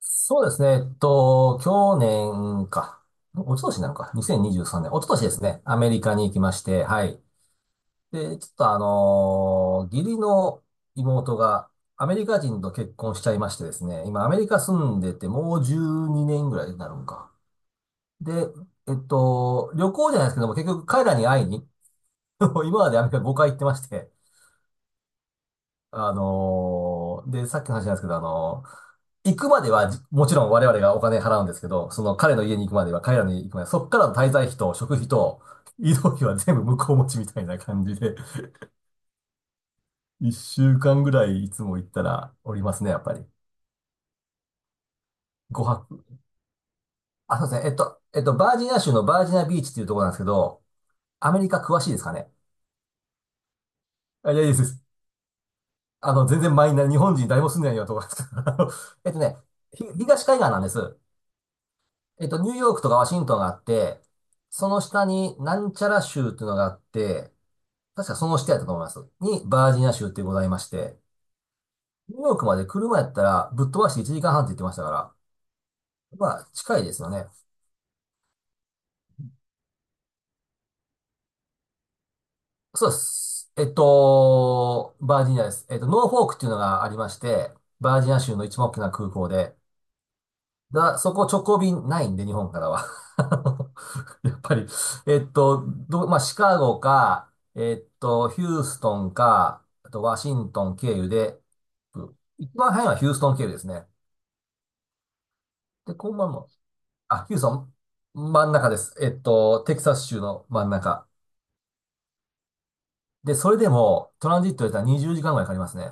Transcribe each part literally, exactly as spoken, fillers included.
そうですね。えっと、去年か。おととしなのか。にせんにじゅうさんねん。おととしですね。アメリカに行きまして、はい。で、ちょっとあのー義理の妹がアメリカ人と結婚しちゃいましてですね。今アメリカ住んでてもうじゅうにねんぐらいになるんか。で、えっと、旅行じゃないですけども、結局彼らに会いに、今までアメリカごかい行ってまして、あのーで、さっきの話なんですけど、あの行くまでは、もちろん我々がお金払うんですけど、その彼の家に行くまでは、彼らの家に行くまでは、そっからの滞在費と食費と移動費は全部向こう持ちみたいな感じで、一週間ぐらいいつも行ったらおりますね、やっぱり。ごはく。あ、そうですね。えっと、えっと、バージニア州のバージニアビーチっていうところなんですけど、アメリカ詳しいですか？ねあ、いや、いいです。あの、全然マイナー、日本人誰も住んでないようなところなんですけど、あのえっとね、ひ東海岸なんです。えっと、ニューヨークとかワシントンがあって、その下になんちゃら州っていうのがあって、確かその下やったと思います。に、バージニア州ってございまして、ニューヨークまで車やったらぶっ飛ばしていちじかんはんって言ってましたから、まあ、近いですよね。そうです。えっと、バージニアです。えっと、ノーフォークっていうのがありまして、バージニア州の一番大きな空港で、だ、そこ直行便ないんで、日本からは。あのやっぱり、えっと、ど、まあ、シカゴか、えっと、ヒューストンか、あとワシントン経由で、一番早いのはヒューストン経由ですね。で、こんばんは。あ、ヒューストン、真ん中です。えっと、テキサス州の真ん中。で、それでも、トランジットで言ったらにじゅうじかんぐらいかかりますね。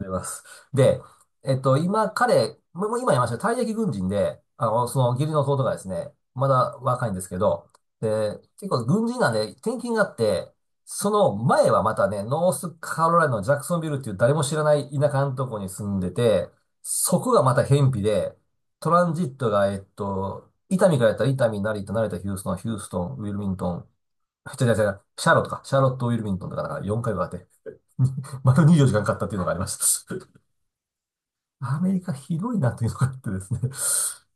あります。で、えっと、今、彼、ももう今言いました、退役軍人で、あの、その義理の弟がですね、まだ若いんですけど、で、結構軍人なんで転勤があって、その前はまたね、ノースカロライナのジャクソンビルっていう誰も知らない田舎のとこに住んでて、そこがまた偏僻で、トランジットが、えっと、伊丹からやったら伊丹、成田、成田、ヒューストン、ヒューストン、ウィルミントン、違う違う違う、シャーロットか、シャーロット、ウィルミントンとかなんかよんかいぶんあって、丸にじゅうよじかんかんかかったっていうのがあります。アメリカひどいなというのがあってですね。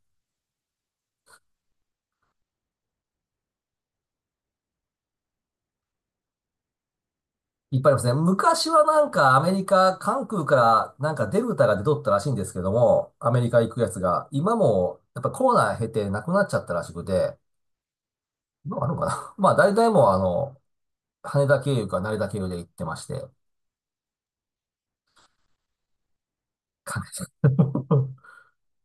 いっぱいありますね。昔はなんかアメリカ、関空からなんかデルタが出とったらしいんですけども、アメリカ行くやつが、今もやっぱコロナ経てなくなっちゃったらしくて、今あるのかな？ まあ大体もうあの、羽田経由か成田経由で行ってまして、関係者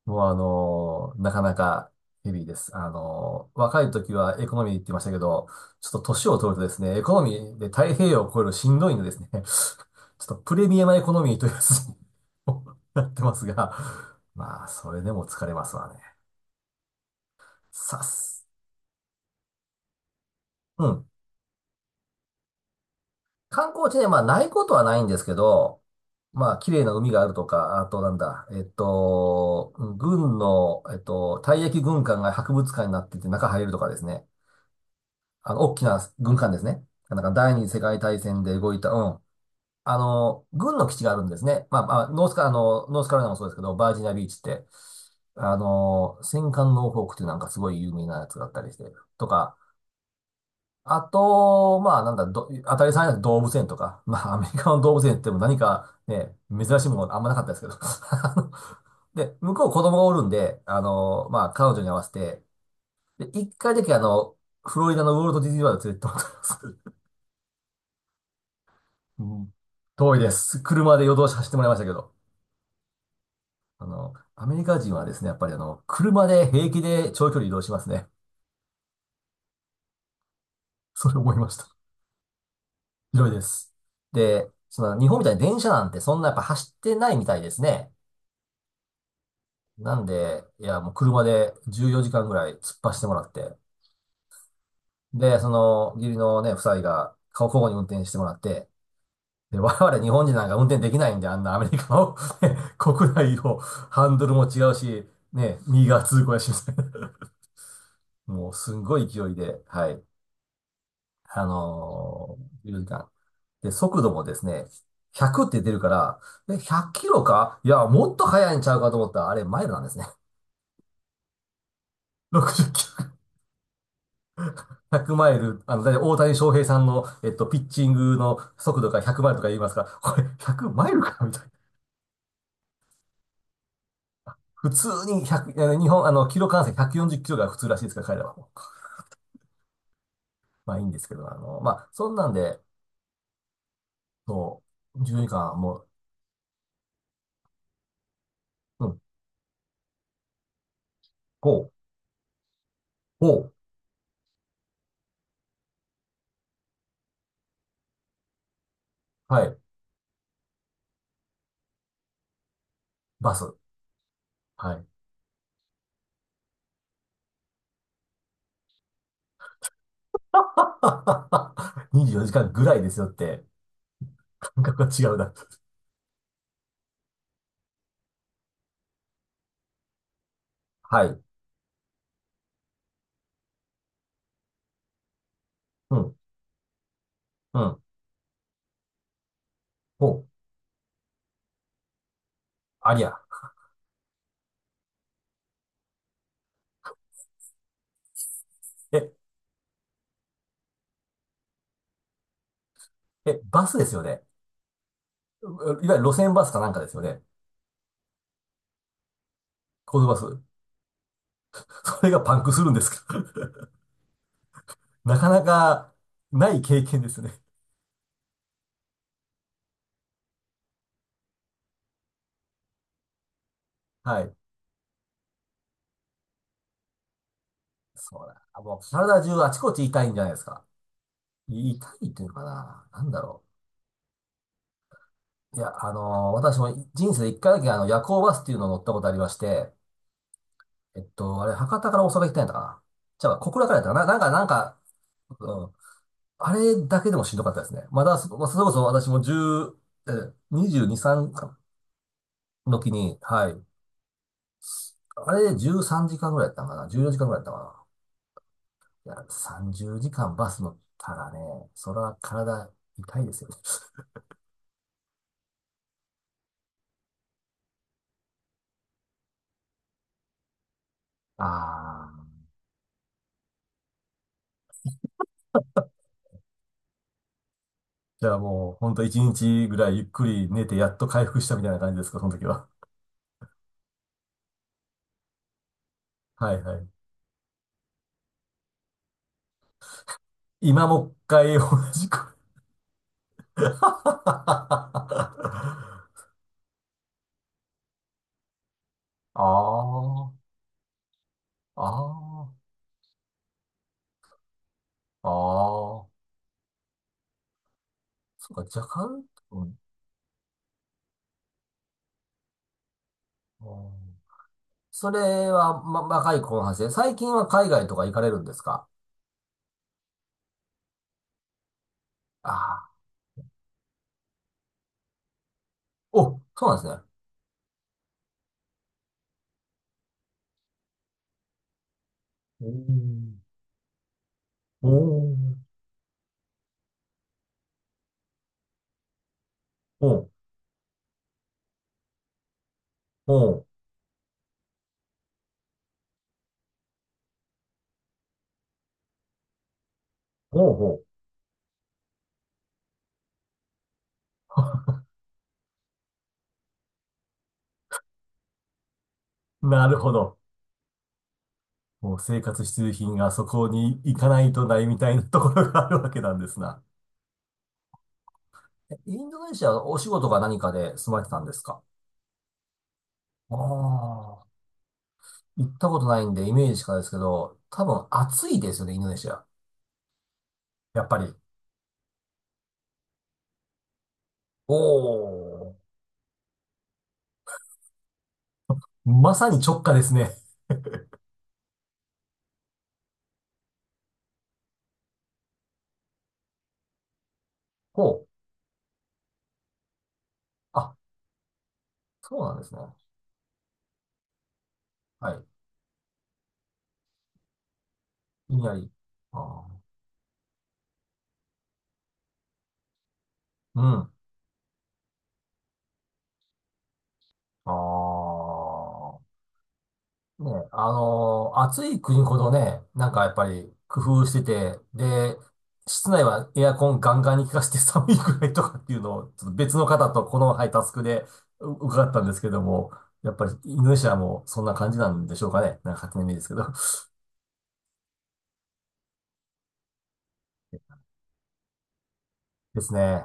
もうあのーなかなかヘビーです。あのー若い時はエコノミーって言ってましたけど、ちょっと年を取るとですね、エコノミーで太平洋を越えるしんどいんでですね、ちょっとプレミアムエコノミーというやつに なってますが、まあ、それでも疲れますわね。さっす。うん。観光地ね、まあ、ないことはないんですけど、まあ、綺麗な海があるとか、あとなんだ、えっと、うん軍の、えっと、退役軍艦が博物館になってて中入るとかですね。あの、大きな軍艦ですね。なんか第二次世界大戦で動いた、うん。あの、軍の基地があるんですね。まあ、まあ、ノースカ、あの、ノースカロライナもそうですけど、バージニアビーチって、あの、戦艦ノーフォークっていうなんかすごい有名なやつがあったりして、とか、あと、まあ、なんだ、ど、当たり前なん動物園とか、まあ、アメリカの動物園っても何かね、珍しいものあんまなかったですけど。あので、向こう子供がおるんで、あの、まあ、彼女に合わせて、で、一回だけあの、フロリダのウォルト・ディズニーワールド連れてってもらったんです。うん、遠いです。車で夜通し走ってもらいましたけど。あの、アメリカ人はですね、やっぱりあの、車で平気で長距離移動しますね。それ思いました。広いです。で、その日本みたいに電車なんてそんなやっぱ走ってないみたいですね。なんで、いや、もう車でじゅうよじかんぐらい突っ走ってもらって。で、その、義理のね、夫妻が顔交互に運転してもらって。で、我々日本人なんか運転できないんで、あんなアメリカのね国内をハンドルも違うし、ね、右側通行やしみたいなもうすんごい勢いで、はい。あのー、じゅうじかん。で、速度もですね、ひゃくって出るから、え、ひゃっキロかいや、もっと速いんちゃうかと思ったら、あれ、マイルなんですね。ろくじゅっキロ、ひゃくマイル。あの、だいたい大谷翔平さんの、えっと、ピッチングの速度がひゃくマイルとか言いますから、これ、ひゃくマイルかみたいな。普通にひゃく、あの日本、あの、キロ換算ひゃくよんじゅっキロが普通らしいですから、彼らは。まあいいんですけど、あの、まあ、そんなんで、そう、じゅうじかん、もう、うん、ご、ご、はい、バス。はい。にじゅうよじかんぐらいですよって、感覚が違うな。はい。うん。うん。お、ありゃ。え、え、バスですよね。ういわゆる路線バスかなんかですよね。高速バス。それがパンクするんですか？ なかなかない経験ですね。はい。そうだ。もう体中あちこち痛いんじゃないですか。い痛いっていうのかな。なんだろう。いや、あのー私も人生で一回だけあの夜行バスっていうのを乗ったことありまして、えっと、あれ、博多から大阪行ったんやったかな。じゃあ、小倉からやったかな。なんか、なんか、うん、あれだけでもしんどかったですね。まだそ、まあ、それこそ私もじゅう、え、にじゅうに、さんの時に、はい。あれでじゅうさんじかんぐらいやったんかな。じゅうよじかんぐらいやったかな。いや、さんじゅうじかんバス乗ったらね、それは体痛いですよね。ああ。じゃあもう、ほんといちにちぐらいゆっくり寝てやっと回復したみたいな感じですか、その時は。はいはい。今もう一回同じく ああ、ああ、ああ。そっか、若干、うん、うんそれは、ま、若い子の話で、最近は海外とか行かれるんですか？ああ、お、そうなんですね。おーおー、おー、おー、おー、おーなるほど。もう生活必需品がそこに行かないとないみたいなところがあるわけなんですな。えインドネシアはお仕事か何かで住まれてたんですか？ああー行ったことないんで、イメージしかないですけど、多分暑いですよね、インドネシア。やっぱり。おー。まさに直下ですね。ほう。あ、そうなんですね。はい。ひんやり。あーうん。あーね、あのー暑い国ほどね、なんかやっぱり工夫してて、で、室内はエアコンガンガンに効かして寒いくらいとかっていうのを、ちょっと別の方とこの、はい、タスクでう伺ったんですけども、やっぱりインドネシアもそんな感じなんでしょうかね。なんか勝手なイメージですけど。ですね。